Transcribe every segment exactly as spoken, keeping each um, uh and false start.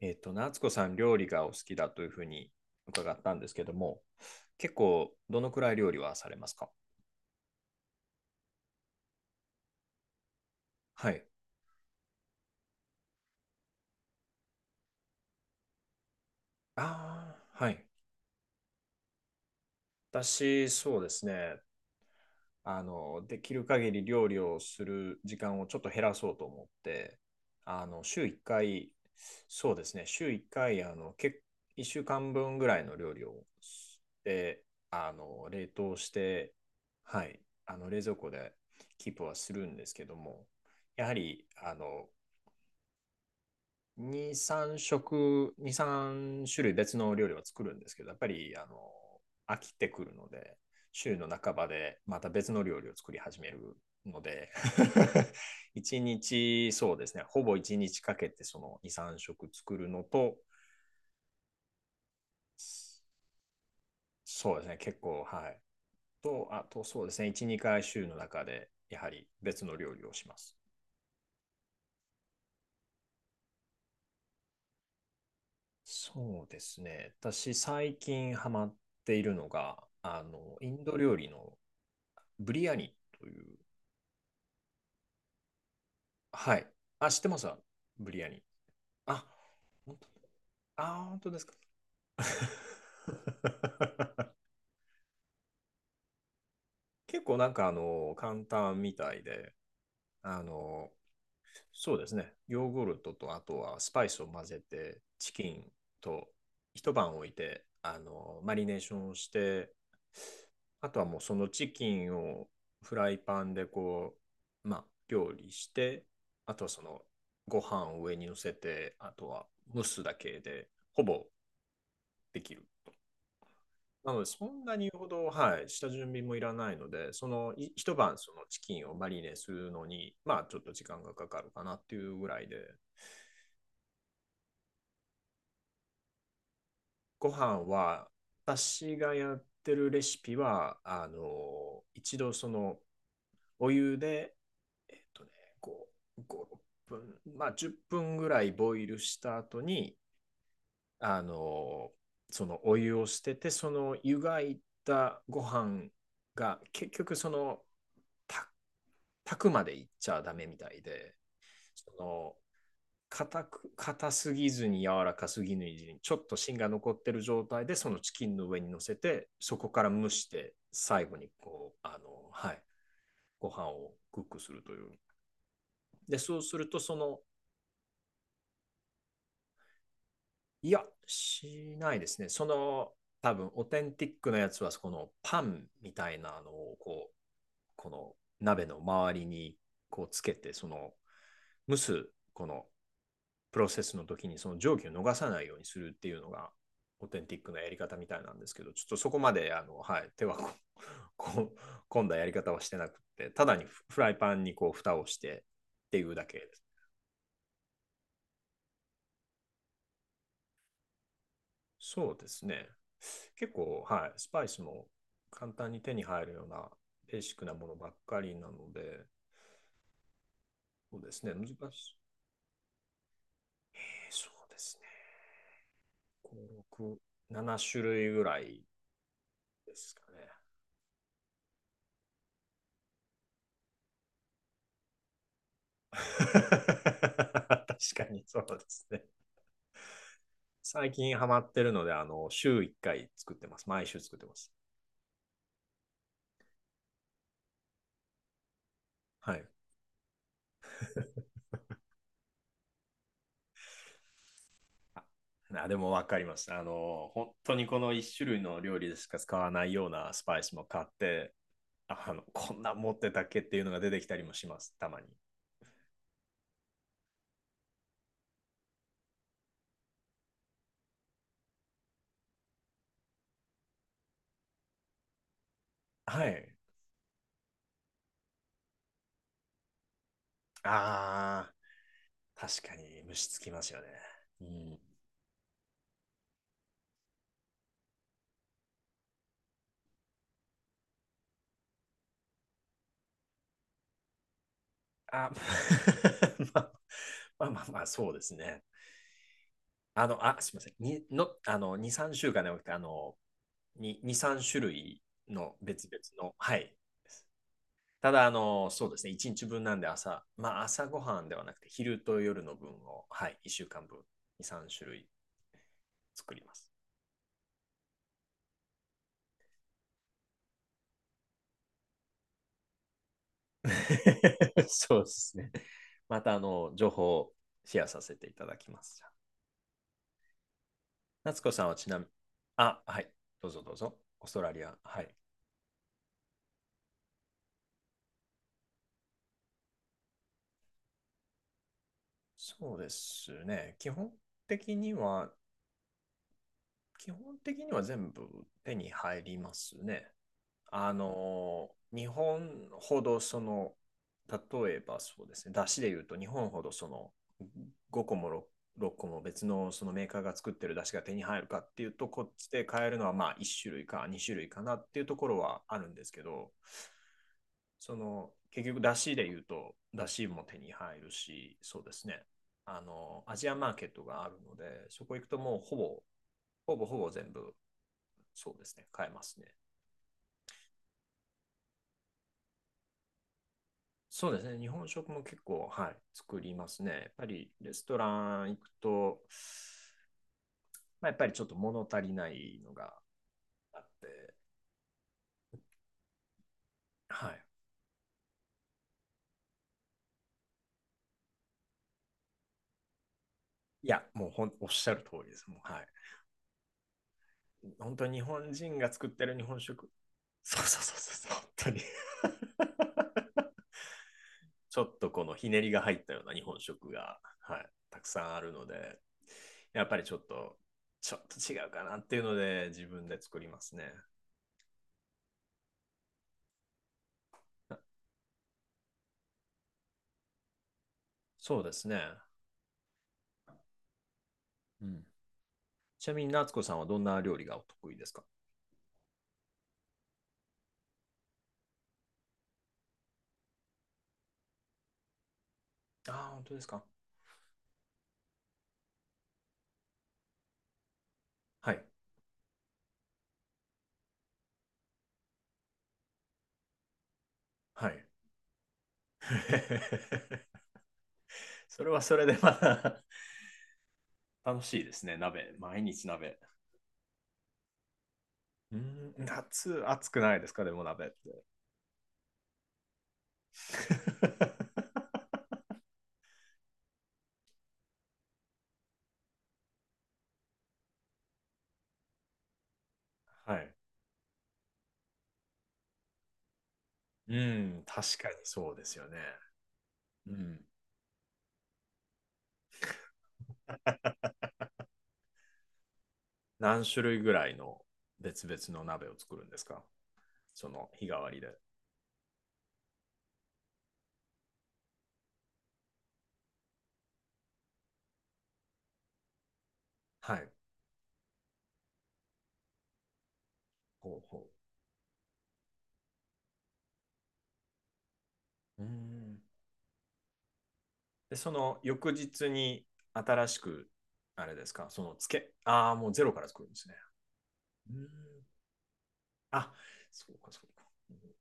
えっ、と、夏子さん、料理がお好きだというふうに伺ったんですけども、結構、どのくらい料理はされますか？はい。ああ、はい。私、そうですね。あの、できる限り料理をする時間をちょっと減らそうと思って、あの、週いっかい、そうですね、週いっかい、あの、け、いっしゅうかんぶんぐらいの料理をして、あの、冷凍して、はい、あの、冷蔵庫でキープはするんですけども、やはり、あの、に、さん食、に、さん種類別の料理は作るんですけど、やっぱりあの飽きてくるので、週の半ばでまた別の料理を作り始めるので いちにち、そうですね、ほぼいちにちかけてそのに、さん食作るのと、そうですね、結構、はい。と、あとそうですね、いち、にかい週の中でやはり別の料理をします。そうですね、私最近ハマっているのが、あの、インド料理のブリアニという。はい。あ、知ってますわブリアニ。あ、本当、あー、本当ですか？結構なんかあの、簡単みたいで、あの、そうですね。ヨーグルトとあとはスパイスを混ぜて、チキンと一晩置いて、あの、マリネーションをして、あとはもうそのチキンをフライパンでこう、まあ、料理して、あとはそのご飯を上に乗せて、あとは蒸すだけで、ほぼできる。なので、そんなにほど、はい、下準備もいらないので、そのい一晩そのチキンをマリネするのに、まあ、ちょっと時間がかかるかなっていうぐらいで、ご飯は、私がやってるレシピは、あの、一度その、お湯で、えっとね、こうご、ろっぷん、まあじゅっぷんぐらいボイルした後に、あの、そのお湯を捨てて、その湯がいたご飯が結局その、た炊くまでいっちゃダメみたいで、その硬く、硬すぎずに柔らかすぎないずに、ちょっと芯が残ってる状態で、そのチキンの上に乗せて、そこから蒸して、最後にこう、あの、はい、ご飯をクックするという。で、そうすると、その、いや、しないですね。その、多分、オーテンティックなやつは、このパンみたいなのを、こう、この鍋の周りに、こう、つけて、その、蒸す、このプロセスの時にその蒸気を逃さないようにするっていうのがオーテンティックなやり方みたいなんですけど、ちょっとそこまであの、はい、手はここ込んだやり方はしてなくて、ただにフライパンにこう蓋をしてっていうだけです。そうですね。結構、はい、スパイスも簡単に手に入るようなベーシックなものばっかりなので、そうですね、難しい。えー、そうですね。ご、ろく、ななしゅるい種類ぐらいですかね。確かにそうですね。最近ハマってるので、あの、週いっかい作ってます。毎週作ってます。はい。あ、でもわかります。あの、本当にこのいっしゅるい種類の料理でしか使わないようなスパイスも買って、あの、こんな持ってたっけっていうのが出てきたりもします。たまに。はい。ああ、確かに虫つきますよね。うん。あ、まあまあまあまあ、そうですね。あの、あ、すみません。にの、あの、に、さんしゅうかんではなくて、あの、にに、さん種類の別々の。はい。ただ、あの、そうですね、いちにちぶんなんで朝、まあ朝ごはんではなくて、昼と夜の分を、はい、いっしゅうかんぶん、に、さん種類作ります。そうですね。また、あの、情報をシェアさせていただきます。夏子さんはちなみに、あ、はい、どうぞどうぞ。オーストラリア、はい。そうですね、基本的には、基本的には全部手に入りますね。あのー、日本ほどその、例えばそうですね、出汁で言うと日本ほどそのごこも ろく ろっこも別のそのメーカーが作ってる出汁が手に入るかっていうと、こっちで買えるのはまあいっしゅるい種類かにしゅるい種類かなっていうところはあるんですけど、その結局出汁で言うと出汁も手に入るし、そうですね、あのアジアマーケットがあるので、そこ行くともうほぼ、ほぼほぼ全部そうですね、買えますね。そうですね。日本食も結構、はい、作りますね。やっぱりレストラン行くと、まあ、やっぱりちょっと物足りないのがあって、はい。いや、もうほんおっしゃる通りです。もう、はい。本当に日本人が作ってる日本食、そうそうそうそうそう、本当に ちょっとこのひねりが入ったような日本食が、はい、たくさんあるので、やっぱりちょっと、ちょっと違うかなっていうので、自分で作りますね。そうですね。うん、ちなみに夏子さんはどんな料理がお得意ですか？ああ、本当ですか。はい。はい。それはそれでまた 楽しいですね。鍋。毎日鍋。うーん、夏暑くないですか？でも鍋って。はい。うん、確かにそうですよね。うん。何種類ぐらいの別々の鍋を作るんですか？その日替わりで。はい。ほうほう。うーん。で、その翌日に新しく、あれですか、そのつけ、ああ、もうゼロから作るんですね。うん、あ、そうか、そうか。うん、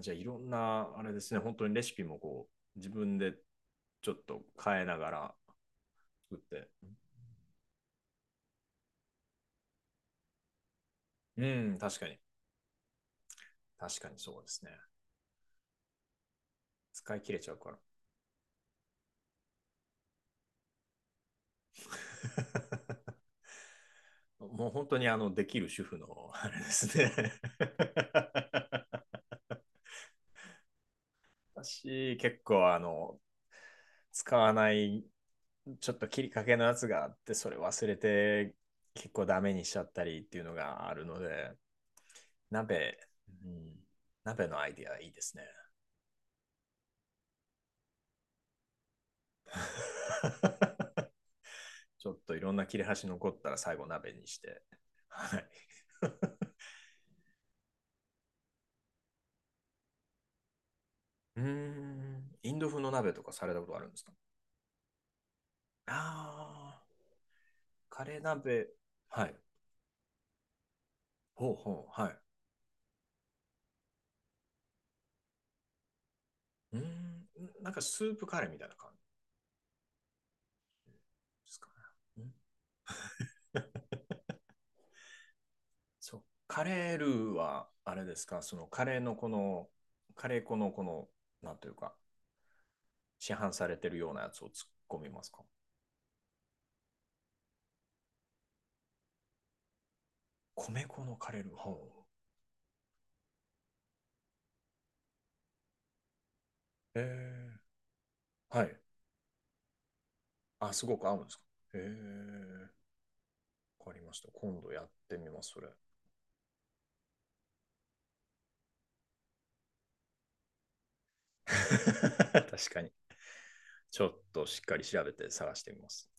じゃあ、いろんな、あれですね、本当にレシピもこう、自分でちょっと変えながら作って。うん、確かに、確かにそうですね。使い切れちゃうから。もう本当にあの、できる主婦の、あれですね。私、結構あの、使わないちょっと切りかけのやつがあって、それ忘れて結構ダメにしちゃったりっていうのがあるので、鍋、うん、鍋のアイディアいいですね。ちょっといろんな切れ端残ったら最後鍋にして。はい。うーん、インド風の鍋とかされたことあるんですか？ああ、カレー鍋。はい。ほうほう、はい。うーん、なんかスープカレーみたいな感じですかね。うん、そう、カレールーは、あれですか、そのカレーのこの、カレー粉のこの、なんというか、市販されてるようなやつを突っ込みますか？米粉のカレールー。ほうへー、はい。あ、すごく合うんですか？へー、わかりました。今度やってみます、それ。確かに。ちょっとしっかり調べて探してみます。